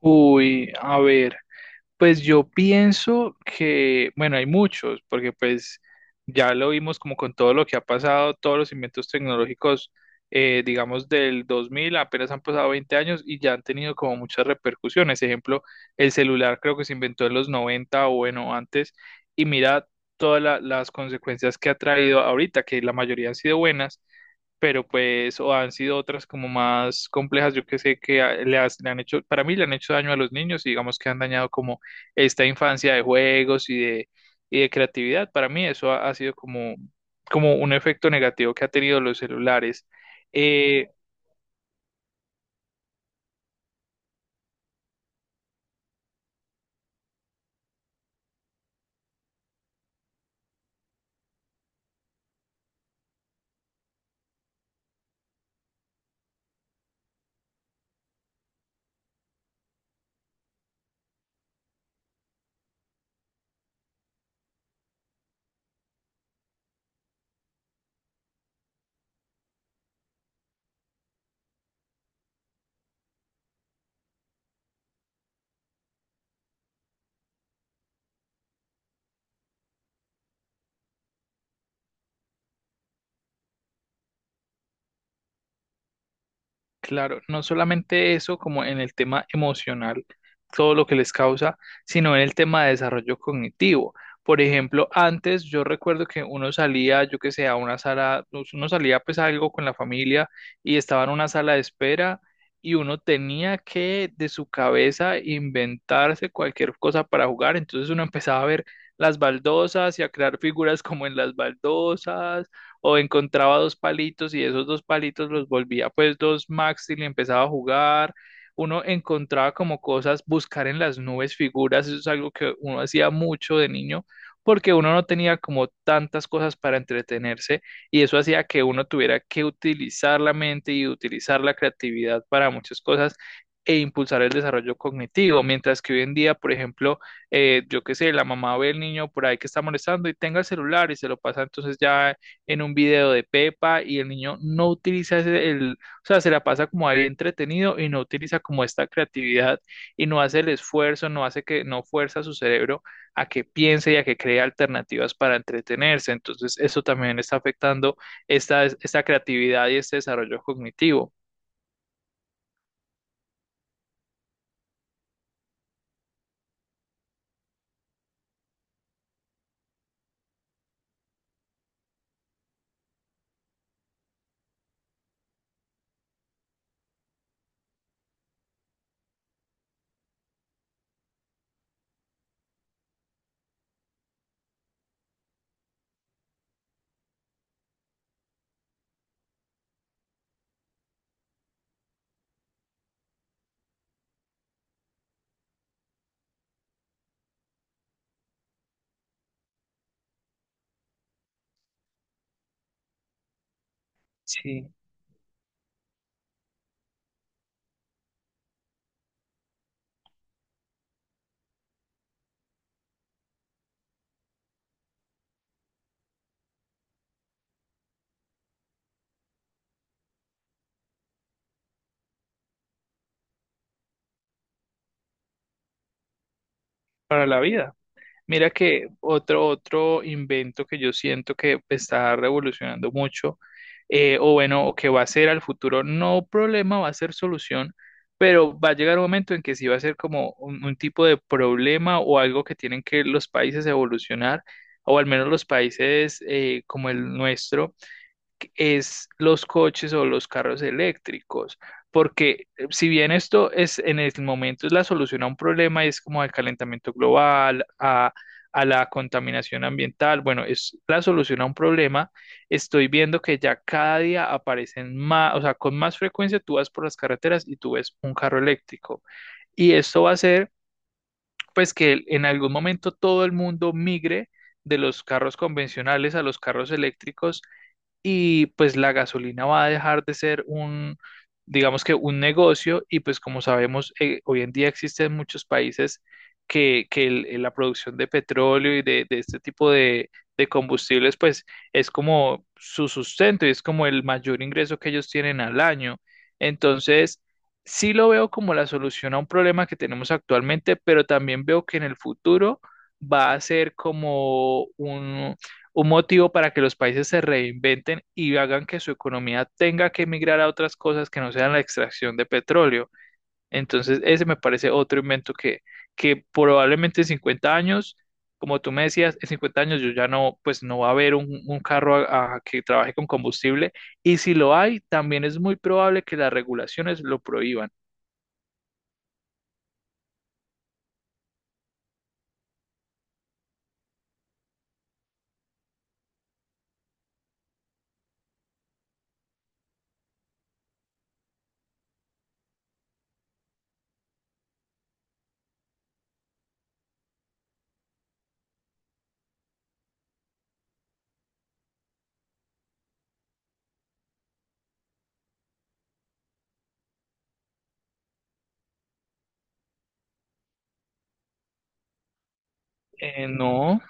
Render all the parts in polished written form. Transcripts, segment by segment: Uy, a ver. Pues yo pienso que, bueno, hay muchos, porque pues ya lo vimos como con todo lo que ha pasado, todos los inventos tecnológicos, digamos, del 2000 apenas han pasado 20 años y ya han tenido como muchas repercusiones. Ejemplo, el celular creo que se inventó en los 90 o bueno, antes, y mira todas las consecuencias que ha traído ahorita, que la mayoría han sido buenas pero pues o han sido otras como más complejas, yo que sé que a- le, has- le han hecho, para mí le han hecho daño a los niños y digamos que han dañado como esta infancia de juegos y de creatividad. Para mí eso ha sido como un efecto negativo que ha tenido los celulares. Eh, Claro, no solamente eso, como en el tema emocional, todo lo que les causa, sino en el tema de desarrollo cognitivo. Por ejemplo, antes yo recuerdo que uno salía, yo que sé, a una sala, pues, uno salía pues a algo con la familia y estaba en una sala de espera y uno tenía que de su cabeza inventarse cualquier cosa para jugar. Entonces uno empezaba a ver las baldosas y a crear figuras como en las baldosas o encontraba dos palitos y esos dos palitos los volvía pues dos max y le empezaba a jugar. Uno encontraba como cosas, buscar en las nubes figuras, eso es algo que uno hacía mucho de niño, porque uno no tenía como tantas cosas para entretenerse y eso hacía que uno tuviera que utilizar la mente y utilizar la creatividad para muchas cosas e impulsar el desarrollo cognitivo, mientras que hoy en día, por ejemplo, yo qué sé, la mamá ve al niño por ahí que está molestando y tenga el celular y se lo pasa entonces ya en un video de Pepa y el niño no utiliza o sea, se la pasa como ahí entretenido y no utiliza como esta creatividad y no hace el esfuerzo, no hace que, no fuerza a su cerebro a que piense y a que cree alternativas para entretenerse. Entonces, eso también está afectando esta creatividad y este desarrollo cognitivo. Sí, para la vida. Mira que otro invento que yo siento que está revolucionando mucho, o bueno, o que va a ser al futuro, no problema, va a ser solución, pero va a llegar un momento en que sí va a ser como un tipo de problema o algo que tienen que los países evolucionar, o al menos los países como el nuestro es los coches o los carros eléctricos, porque si bien esto es en el momento es la solución a un problema, es como al calentamiento global, a la contaminación ambiental, bueno, es la solución a un problema, estoy viendo que ya cada día aparecen más, o sea, con más frecuencia tú vas por las carreteras y tú ves un carro eléctrico, y esto va a hacer pues que en algún momento todo el mundo migre de los carros convencionales a los carros eléctricos y pues la gasolina va a dejar de ser un, digamos que un negocio y pues como sabemos, hoy en día existen muchos países que la producción de petróleo y de este tipo de combustibles pues es como su sustento y es como el mayor ingreso que ellos tienen al año. Entonces, sí lo veo como la solución a un problema que tenemos actualmente, pero también veo que en el futuro va a ser como un motivo para que los países se reinventen y hagan que su economía tenga que emigrar a otras cosas que no sean la extracción de petróleo. Entonces, ese me parece otro invento que probablemente en 50 años, como tú me decías, en 50 años yo ya no, pues no va a haber un carro a que trabaje con combustible y si lo hay, también es muy probable que las regulaciones lo prohíban. No,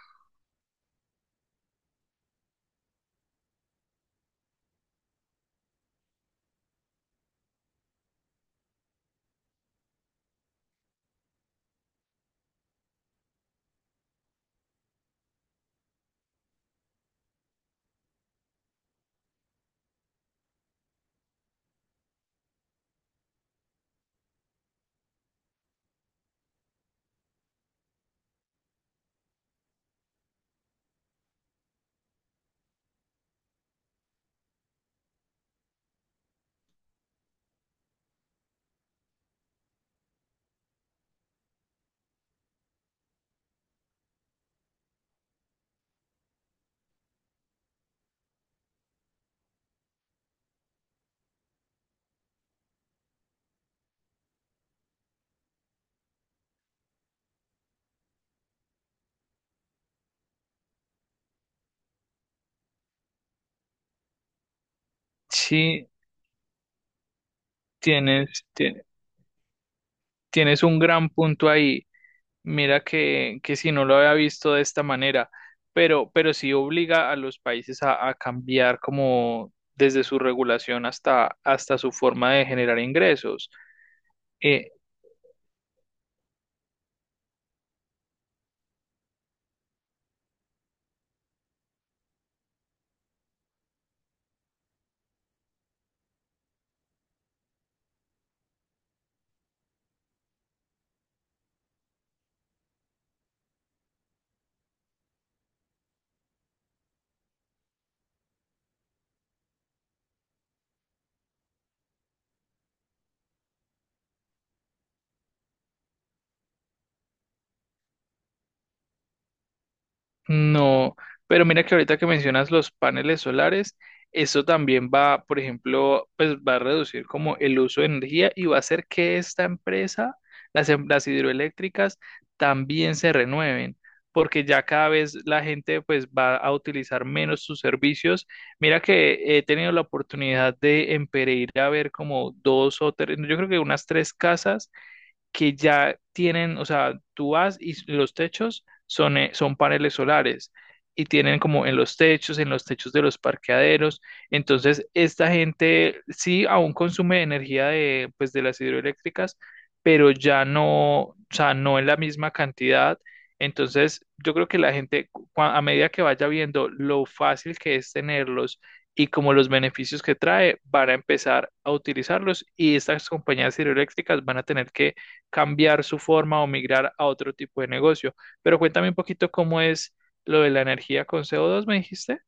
sí, tienes, tie- tienes un gran punto ahí. Mira que si no lo había visto de esta manera, pero sí obliga a los países a cambiar como desde su regulación hasta su forma de generar ingresos. Eh, No, pero mira que ahorita que mencionas los paneles solares, eso también va, por ejemplo, pues va a reducir como el uso de energía y va a hacer que esta empresa, las hidroeléctricas, también se renueven, porque ya cada vez la gente pues va a utilizar menos sus servicios. Mira que he tenido la oportunidad de en Pereira ver como dos o tres, yo creo que unas tres casas que ya tienen, o sea, tú vas y los techos son paneles solares y tienen como en los techos de los parqueaderos. Entonces, esta gente sí aún consume energía de, pues, de las hidroeléctricas, pero ya no, o sea, no en la misma cantidad. Entonces, yo creo que la gente, a medida que vaya viendo lo fácil que es tenerlos, y como los beneficios que trae, van a empezar a utilizarlos y estas compañías hidroeléctricas van a tener que cambiar su forma o migrar a otro tipo de negocio. Pero cuéntame un poquito cómo es lo de la energía con CO2 me dijiste.